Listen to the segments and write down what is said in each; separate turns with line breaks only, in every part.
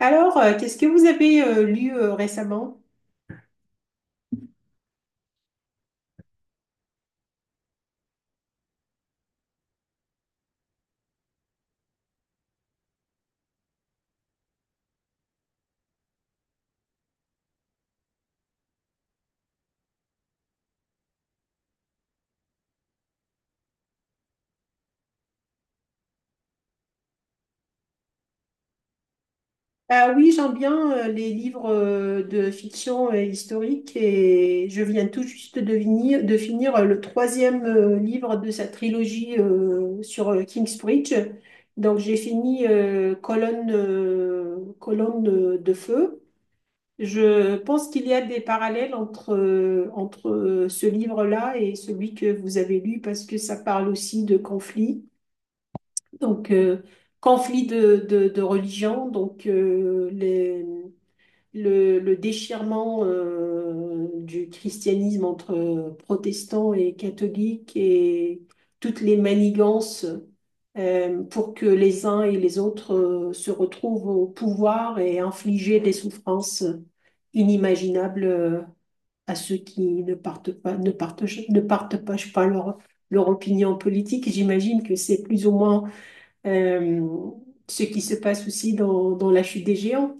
Qu'est-ce que vous avez lu récemment? Ah oui, j'aime bien les livres de fiction historique et je viens tout juste de finir le troisième livre de sa trilogie sur Kingsbridge. Donc j'ai fini Colonne de feu. Je pense qu'il y a des parallèles entre ce livre-là et celui que vous avez lu parce que ça parle aussi de conflits. Donc euh, conflits de religion, le déchirement du christianisme entre protestants et catholiques et toutes les manigances pour que les uns et les autres se retrouvent au pouvoir et infliger des souffrances inimaginables à ceux qui ne partent pas, ne partent, ne partagent pas je sais pas leur, leur opinion politique. J'imagine que c'est plus ou moins euh, ce qui se passe aussi dans la chute des géants.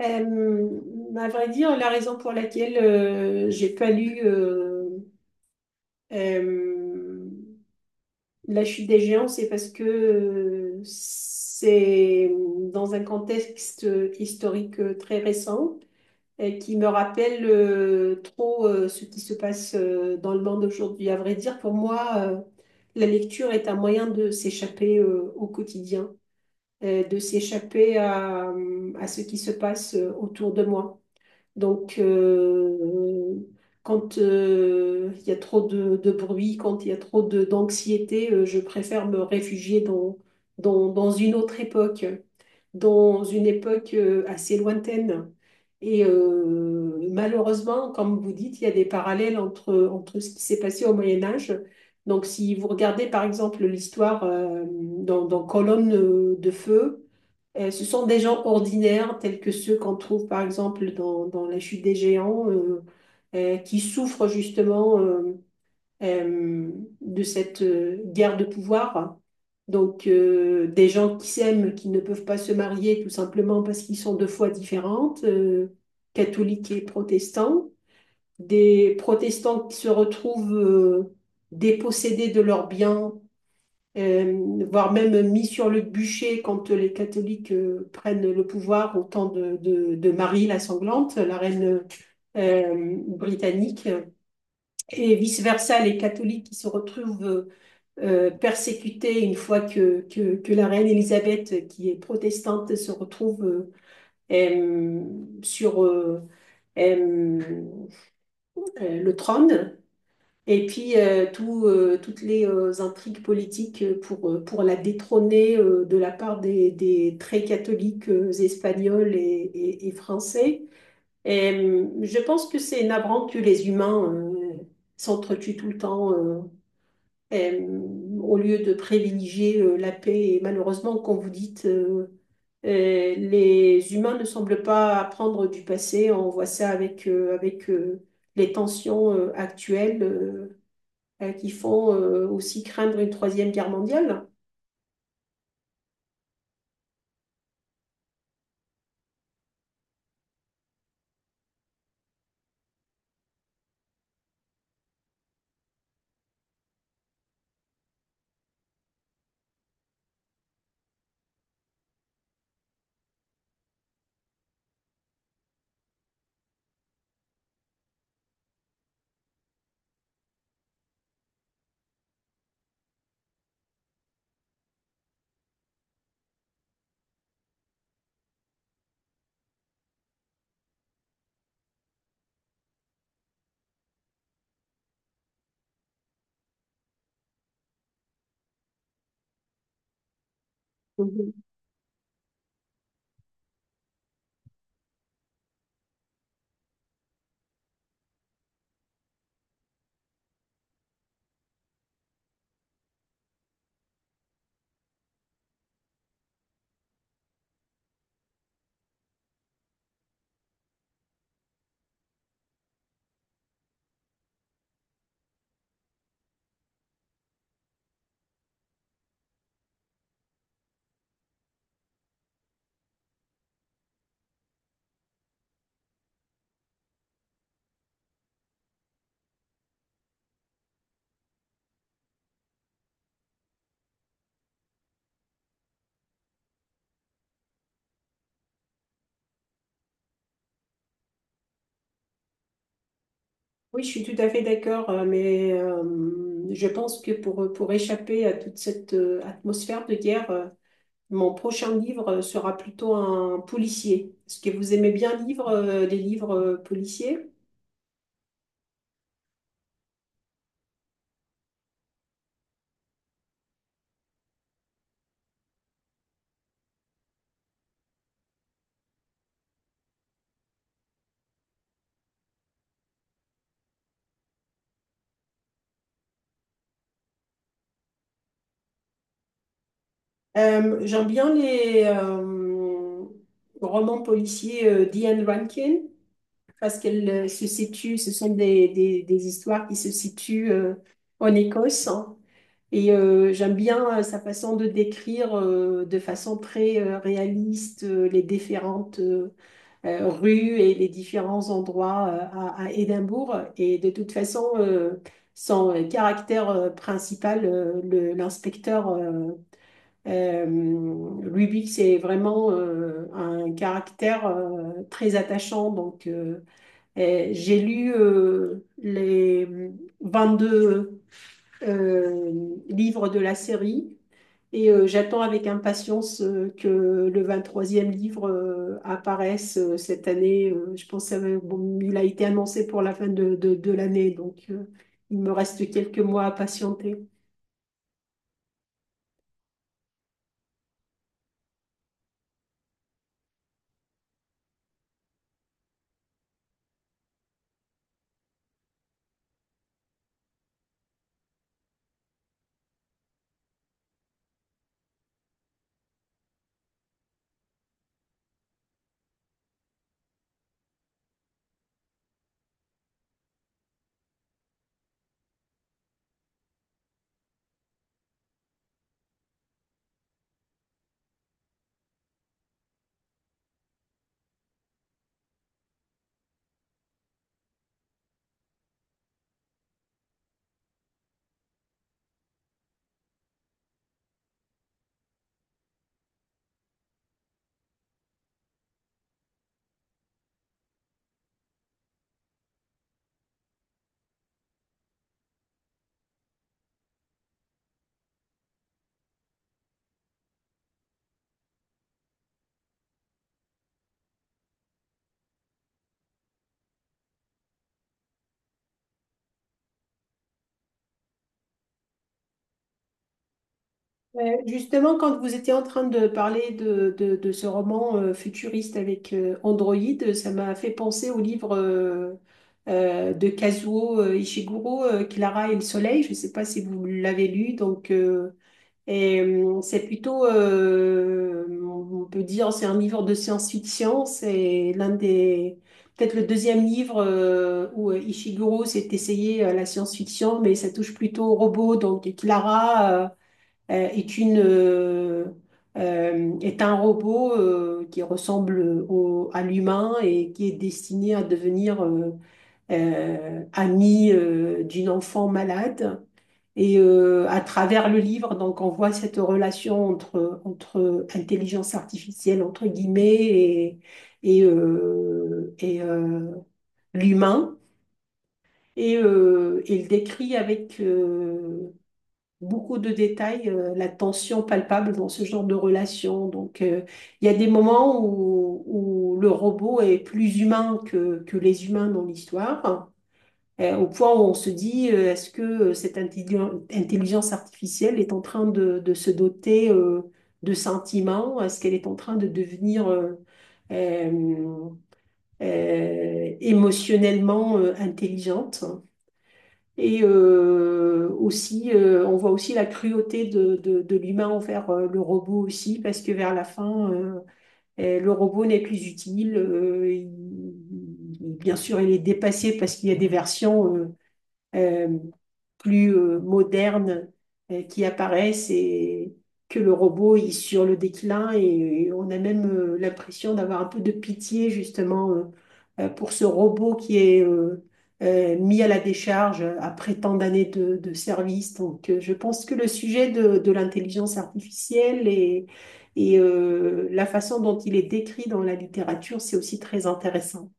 Euh, à vrai dire, la raison pour laquelle j'ai pas lu euh, La chute des géants, c'est parce que c'est dans un contexte historique très récent et qui me rappelle trop ce qui se passe dans le monde aujourd'hui. À vrai dire, pour moi, la lecture est un moyen de s'échapper au quotidien, de s'échapper à ce qui se passe autour de moi. Donc, euh, quand il y a trop de bruit, quand il y a trop d'anxiété, je préfère me réfugier dans une autre époque, dans une époque assez lointaine. Et malheureusement, comme vous dites, il y a des parallèles entre ce qui s'est passé au Moyen Âge. Donc, si vous regardez par exemple l'histoire dans Colonne de feu, ce sont des gens ordinaires, tels que ceux qu'on trouve par exemple dans la chute des géants, qui souffrent justement euh, de cette guerre de pouvoir. Des gens qui s'aiment, qui ne peuvent pas se marier tout simplement parce qu'ils sont de foi différentes, catholiques et protestants. Des protestants qui se retrouvent dépossédés de leurs biens voire même mis sur le bûcher quand les catholiques prennent le pouvoir au temps de Marie la sanglante, la reine britannique, et vice-versa, les catholiques qui se retrouvent persécutés une fois que la reine Élisabeth, qui est protestante, se retrouve euh, sur... euh, le trône. Et puis, toutes les intrigues politiques pour la détrôner de la part des très catholiques espagnols et français. Je pense que c'est navrant que les humains s'entretuent tout le temps et, euh, au lieu de privilégier la paix. Et malheureusement, comme vous dites, les humains ne semblent pas apprendre du passé. On voit ça avec les tensions actuelles, qui font aussi craindre une troisième guerre mondiale. Mhm. Oui, je suis tout à fait d'accord, mais je pense que pour échapper à toute cette atmosphère de guerre, mon prochain livre sera plutôt un policier. Est-ce que vous aimez bien lire les livres policiers? J'aime bien les romans policiers d'Ian Rankin parce qu'elles se situent, ce sont des histoires qui se situent en Écosse. Hein. Et j'aime bien sa façon de décrire de façon très réaliste les différentes rues et les différents endroits à Édimbourg. Et de toute façon, son caractère principal, l'inspecteur euh, Ruby, c'est vraiment un caractère très attachant. Et j'ai lu les 22 livres de la série et j'attends avec impatience que le 23e livre apparaisse cette année. Je pense qu'il a été annoncé pour la fin de l'année. Il me reste quelques mois à patienter. Ouais. Justement, quand vous étiez en train de parler de ce roman futuriste avec Android, ça m'a fait penser au livre de Kazuo Ishiguro, Clara et le Soleil. Je ne sais pas si vous l'avez lu, et c'est plutôt, on peut dire, c'est un livre de science-fiction. C'est l'un des, peut-être le deuxième livre où Ishiguro s'est essayé à la science-fiction, mais ça touche plutôt au robot. Donc, et Clara euh, est une, euh, est un robot qui ressemble au, à l'humain et qui est destiné à devenir ami d'une enfant malade. Et à travers le livre, donc, on voit cette relation entre intelligence artificielle, entre guillemets, et l'humain. Et il décrit avec beaucoup de détails la tension palpable dans ce genre de relation. Il y a des moments où, où le robot est plus humain que les humains dans l'histoire au point où on se dit, est-ce que cette intelligence artificielle est en train de se doter de sentiments? Est-ce qu'elle est en train de devenir euh, émotionnellement intelligente? On voit aussi la cruauté de l'humain envers le robot aussi, parce que vers la fin, le robot n'est plus utile. Bien sûr, il est dépassé parce qu'il y a des versions... euh, plus modernes qui apparaissent et que le robot est sur le déclin et on a même l'impression d'avoir un peu de pitié justement pour ce robot qui est mis à la décharge après tant d'années de service. Je pense que le sujet de l'intelligence artificielle et la façon dont il est décrit dans la littérature, c'est aussi très intéressant.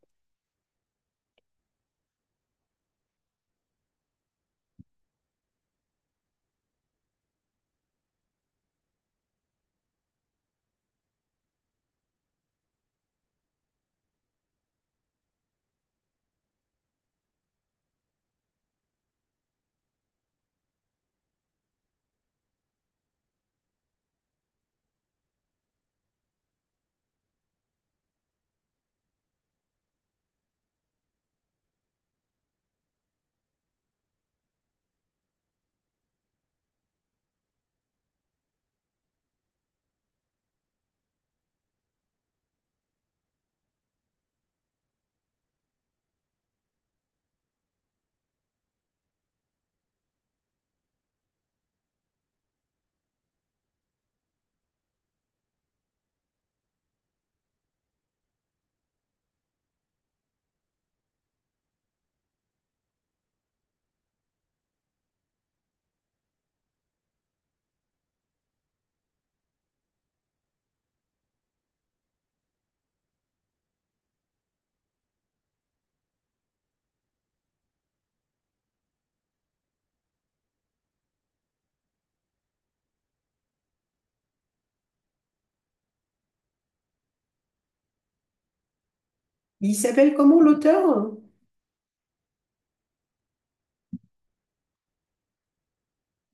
Il s'appelle comment l'auteur?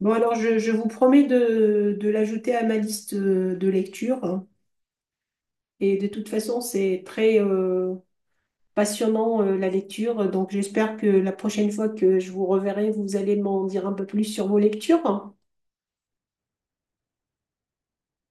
Bon, je vous promets de l'ajouter à ma liste de lecture. Hein. Et de toute façon, c'est très passionnant la lecture. Donc j'espère que la prochaine fois que je vous reverrai, vous allez m'en dire un peu plus sur vos lectures.